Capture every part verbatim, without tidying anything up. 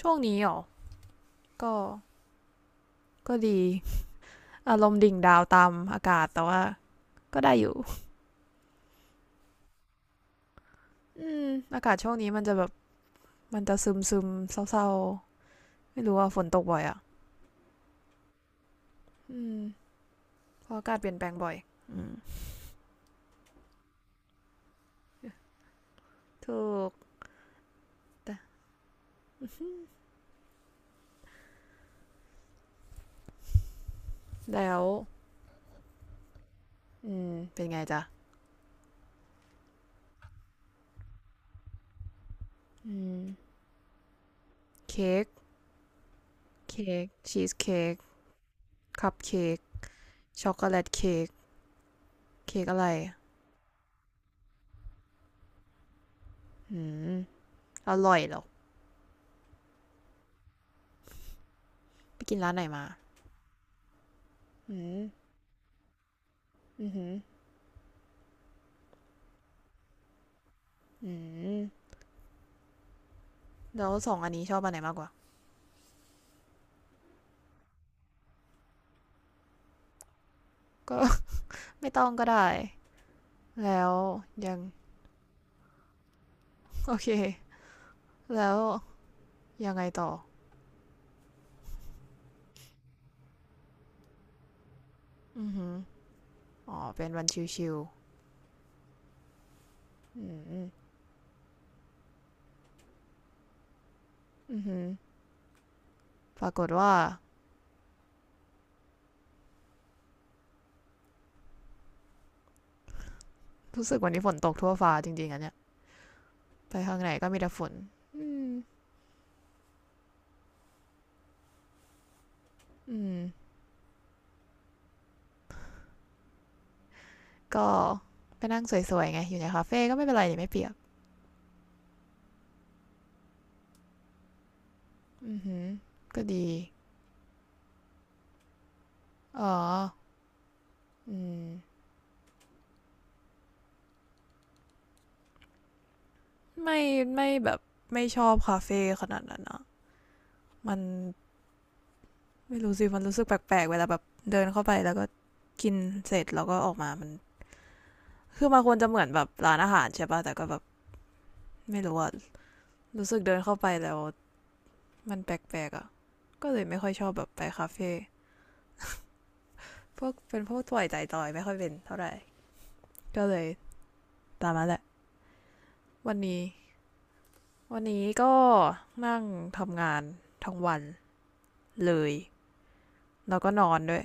ช่วงนี้หรอก็ก็ดี อารมณ์ดิ่งดาวตามอากาศแต่ว่าก็ได้อยู่อืมอากาศช่วงนี้มันจะแบบ มันจะซึมซึมเศร้าๆ ไม่รู้ว่าฝนตกบ่อยอ่ะ อืม เพราะอากาศเปลี่ยนแปลงบ่อย อืม ถูกแต่แล้ว อืม เป็นไงจ๊ะ อืม เค้กเค้กชีสเค้กคัพเค้กช็อกโกแลตเค้กเค้กอะไร อืม อร่อยเหรอไปกินร้านไหนมาอืมอืมอืม แล้วสองอันนี้ชอบอันไหนมากกว่าก็ ไม่ต้องก็ได้แล้วยัง โอเคแล้วยังไงต่ออือหืออ๋อเป็นวันชิวๆอืมอือหือปรากฏว่ารู้สึกวันนี้ฝนตกทั่วฟ้าจริงๆอันเนี้ยไปข้างไหนก็มีแต่ฝนอืมอืมก็ไปนั่งสวยๆไงอยู่ในคาเฟ่ก็ไม่เป็นไรเนี่ยไม่เปียกอือหือก็ดีอ๋ออืมไม่ไม่แบบไม่ชอบคาเฟ่ขนาดนั้นอะมัน ไม่รู้สิมันรู้สึกแปลกๆเวลาแบบเดินเข้าไปแล้วก็กินเสร็จแล้วก็ออกมามันคือมันควรจะเหมือนแบบร้านอาหารใช่ป่ะแต่ก็แบบไม่รู้ว่ารู้สึกเดินเข้าไปแล้วมันแปลกๆอะก็เลยไม่ค่อยชอบแบบไปคาเฟ่พวกเป็นพวกถ่วยใจจอยไม่ค่อยเป็นเท่าไหร่ก็เลยตามมาแหละวันนี้วันนี้ก็นั่งทำงานทั้งวันเลยแล้วก็นอนด้วย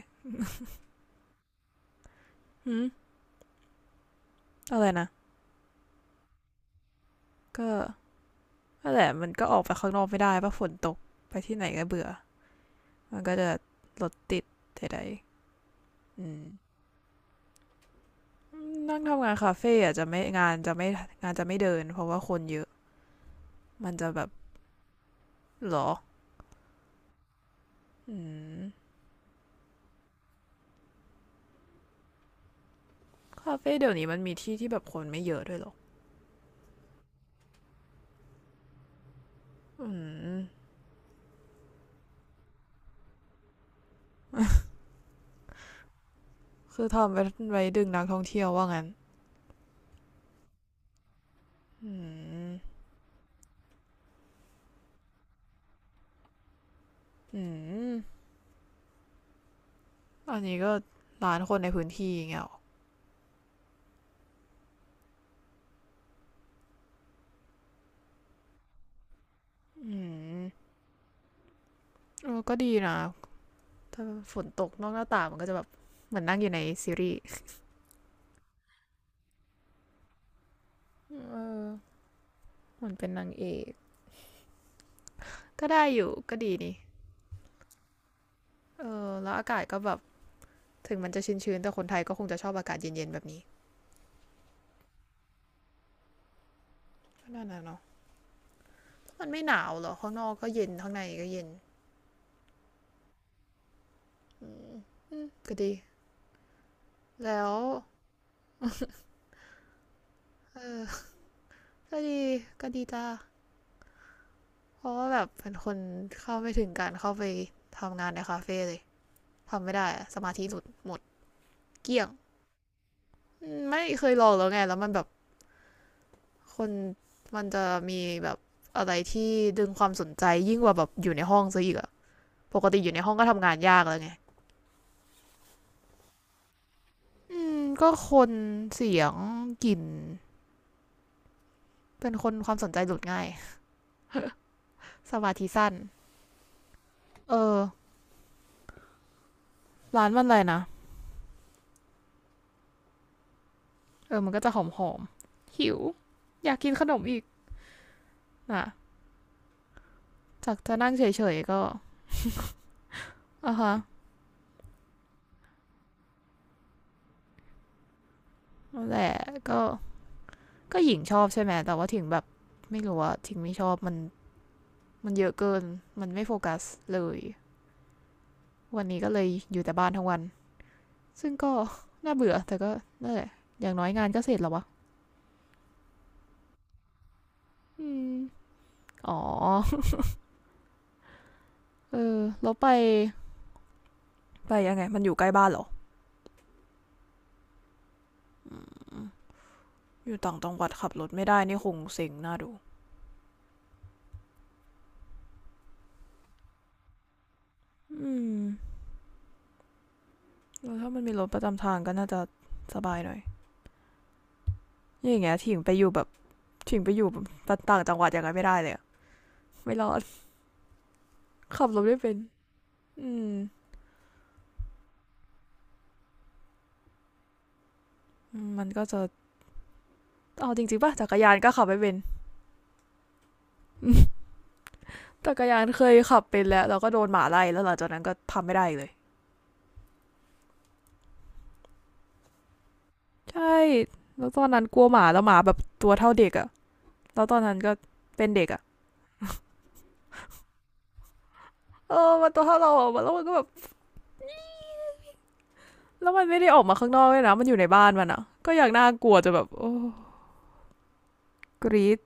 หืมอะไรนะก็นั่นแหละมันก็ออกไปข้างนอกไม่ได้ป่ะฝนตกไปที่ไหนก็เบื่อ มันก็จะรถติดใดๆอืมนั่งทำงานคาเฟ่อาจจะไม่งานจะไม่งานจะไม่เดินเพราะว่าคนเยอะมันจะแบบหรออืมคาเฟ่เดี๋ยวนี้มันมีที่ที่แบบคนไม่เยอะด้วยหรออืมคือทำไว้ไว้ดึงนักท่องเที่ยวว่างั้นอืมอืมอันนี้ก็ร้านคนในพื้นที่อย่างเงี้ยหรออืมเออก็ดีนะถ้าฝนตกนอกหน้าต่างมันก็จะแบบเหมือนนั่งอยู่ในซีรีส์เออเหมือนเป็นนางเอก ก็ได้อยู่ก็ดีนี่เออแล้วอากาศก็แบบถึงมันจะชื้นๆแต่คนไทยก็คงจะชอบอากาศเย็นๆแบบนี้ก็นั่นนะเนาะมันไม่หนาวหรอข้างนอกก็เย็นข้างในก็เย็นอืมอืมก็ดีแล้วเออก็ดีก็ดีจ้าเพราะว่าแบบเป็นคนเข้าไม่ถึงการเข้าไปทำงานในคาเฟ่เลยทำไม่ได้สมาธิหลุดหมดเกลี้ยงไม่เคยลองแล้วไงแล้วมันแบบคนมันจะมีแบบอะไรที่ดึงความสนใจยิ่งกว่าแบบอยู่ในห้องซะอีกอะ ปกติอยู่ในห้องก็ทำงานยากแล้วไง อืมก็คนเสียงกลิ่นเป็นคนความสนใจหลุดง่ายสมาธิสั้น เออร้านมันอะไรนะ เออมันก็จะหอมหอมๆหิวอยากกินขนมอีกนะจากจะนั่งเฉยๆก็อ่ะฮะแต่และก็ก็หญิงชอบใช่ไหม แต่ว่าถึงแบบไม่รู้ว่าถึงไม่ชอบมันมันเยอะเกินมันไม่โฟกัสเลยวันนี้ก็เลยอยู่แต่บ้านทั้งวันซึ่งก็น่าเบื่อแต่ก็นั่นแหละอย่างน้อยงานก็เสร็จแล้ววะอืม อ๋อ เออแล้วไปไปยังไงมันอยู่ใกล้บ้านเหรออยู่ต่างจังหวัดขับรถไม่ได้นี่คงเซ็งน่าดูอืมแล้วถ้ามันมีรถประจำทางก็น่าจะสบายหน่อยอย่างเงี้ยถิงไปอยู่แบบถิงไปอยู่แบบต่างจังหวัดอย่างไรไม่ได้เลยไม่รอด ขับรถไม่เป็นอืมมันก็จะเอาจริงๆป่ะจักรยานก็ขับไม่เป็นจักรยานเคยขับเป็นแล้วเราก็โดนหมาไล่แล้วหลังจากนั้นก็ทำไม่ได้เลย ใช่แล้วตอนนั้นกลัวหมาแล้วหมาแบบตัวเท่าเด็กอะแล้วตอนนั้นก็เป็นเด็กอะ เออมันตัวเท่าเราอะแล้วมันก็แบบแล้วมันไม่ได้ออกมาข้างนอกเลยนะมันอยู่ในบ้านมันอะก็อย่างน่ากลัวจะแบบโอ้กรีด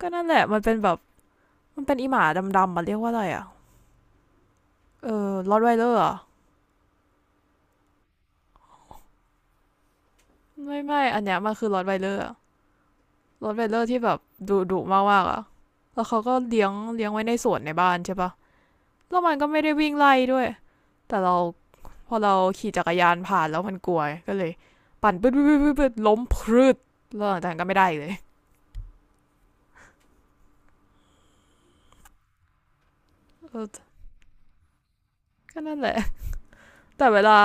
ก็นั่นแหละมันเป็นแบบมันเป็นอีหมาดำๆมันเรียกว่าอะไรอะเออรอดไวเลอร์อะไม่ไม่อันเนี้ยมันคือรอดไวเลอร์รอดไวเลอร์ที่แบบดุดุมากมากอ่ะแล้วเขาก็เลี้ยงเลี้ยงไว้ในสวนในบ้านใช่ปะแล้วมันก็ไม่ได้วิ่งไล่ด้วยแต่เราพอเราขี่จักรยานผ่านแล้วมันกลัวก็เลยปั่นปึ๊ดปึ๊ดปึ๊ด๊ดล้มพรืดแล้วหลังจากนั้นก็ไม่ได้เลย ก็นั่นแหละ แต่เวลา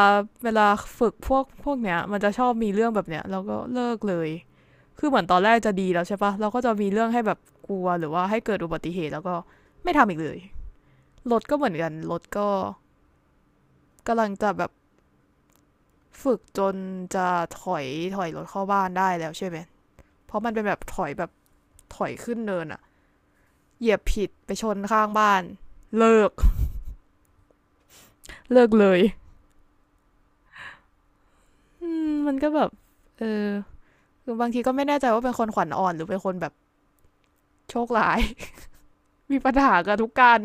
เวลาฝึกพวกพวกเนี้ยมันจะชอบมีเรื่องแบบเนี้ยแล้วก็เลิกเลยคือเหมือนตอนแรกจะดีแล้วใช่ปะเราก็จะมีเรื่องให้แบบกลัวหรือว่าให้เกิดอุบัติเหตุแล้วก็ไม่ทำอีกเลยรถก็เหมือนกันรถก็กำลังจะแบบฝึกจนจะถอยถอยรถเข้าบ้านได้แล้วใช่ไหมเพราะมันเป็นแบบถอยแบบถอยขึ้นเนินอะเหยียบผิดไปชนข้างบ้านเลิกเลิกเลยมันก็แบบเออือบางทีก็ไม่แน่ใจว่าเป็นคนขวัญอ่อนหรือเป็นคนแบบโชคร้าย มีปัญหากับทุกการ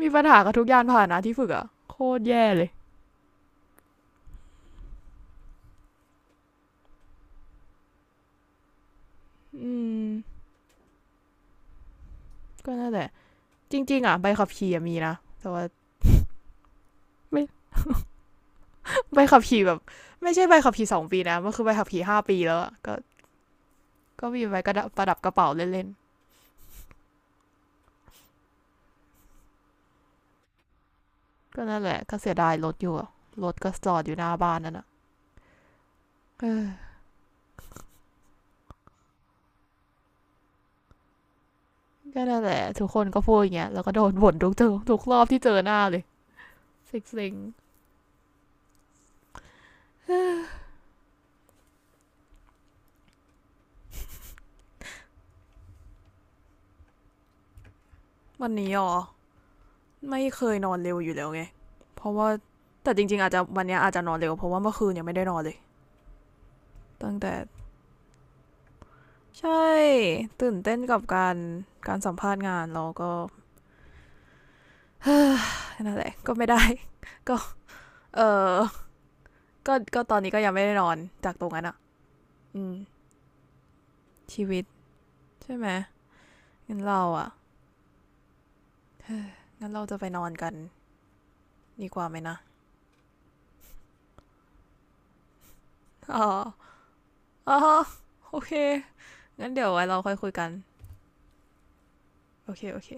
มีปัญหากับทุกยานพาหนะที่ฝึกอะโคตรแย่เลยอืมก็นั่นแหละจริงๆอะใบขับขี่มีนะแต่ว่าไม่ใบขับขี่แบบไม่ใช่ใบขับขี่สองปีนะมันคือใบขับขี่ห้าปีแล้วก็ก็มีใบกระดัประดับกระเป๋าเล่นๆก็นั่นแหละก็เสียดายรถอยู่อะรถก็จอดอยู่หน้าบ้านนั่นอะ เออก็นั่นแหละทุกคนก็พูดอย่างเงี้ยแล้วก็โดนบ่นทุกเจอทุกรอบที่เจอหน้าเลยสิซิงๆวันนี้อ๋อ ไม่เคยนอนเร็วอยู่แล้วไงเพราะว่าแต่จริงๆอาจจะวันเนี้อาจจะนอนเร็วเพราะว่าเมื่อคืนยังไม่ได้นอนเลยตั้งแต่ใช่ตื่นเต้นกับการการสัมภาษณ์งานแล้วก็นั่นแหละก็ไม่ได้ ก็เออก็ก็ตอนนี้ก็ยังไม่ได้นอนจากตรงนั้นอ่ะอืมชีวิตใช่ไหมงั้นเราอ่ะงั้นเราจะไปนอนกันดีกว่าไหมนะอ๋ออ๋อโอเคงั้นเดี๋ยวไว้เราค่อยคุยกันโอเคโอเค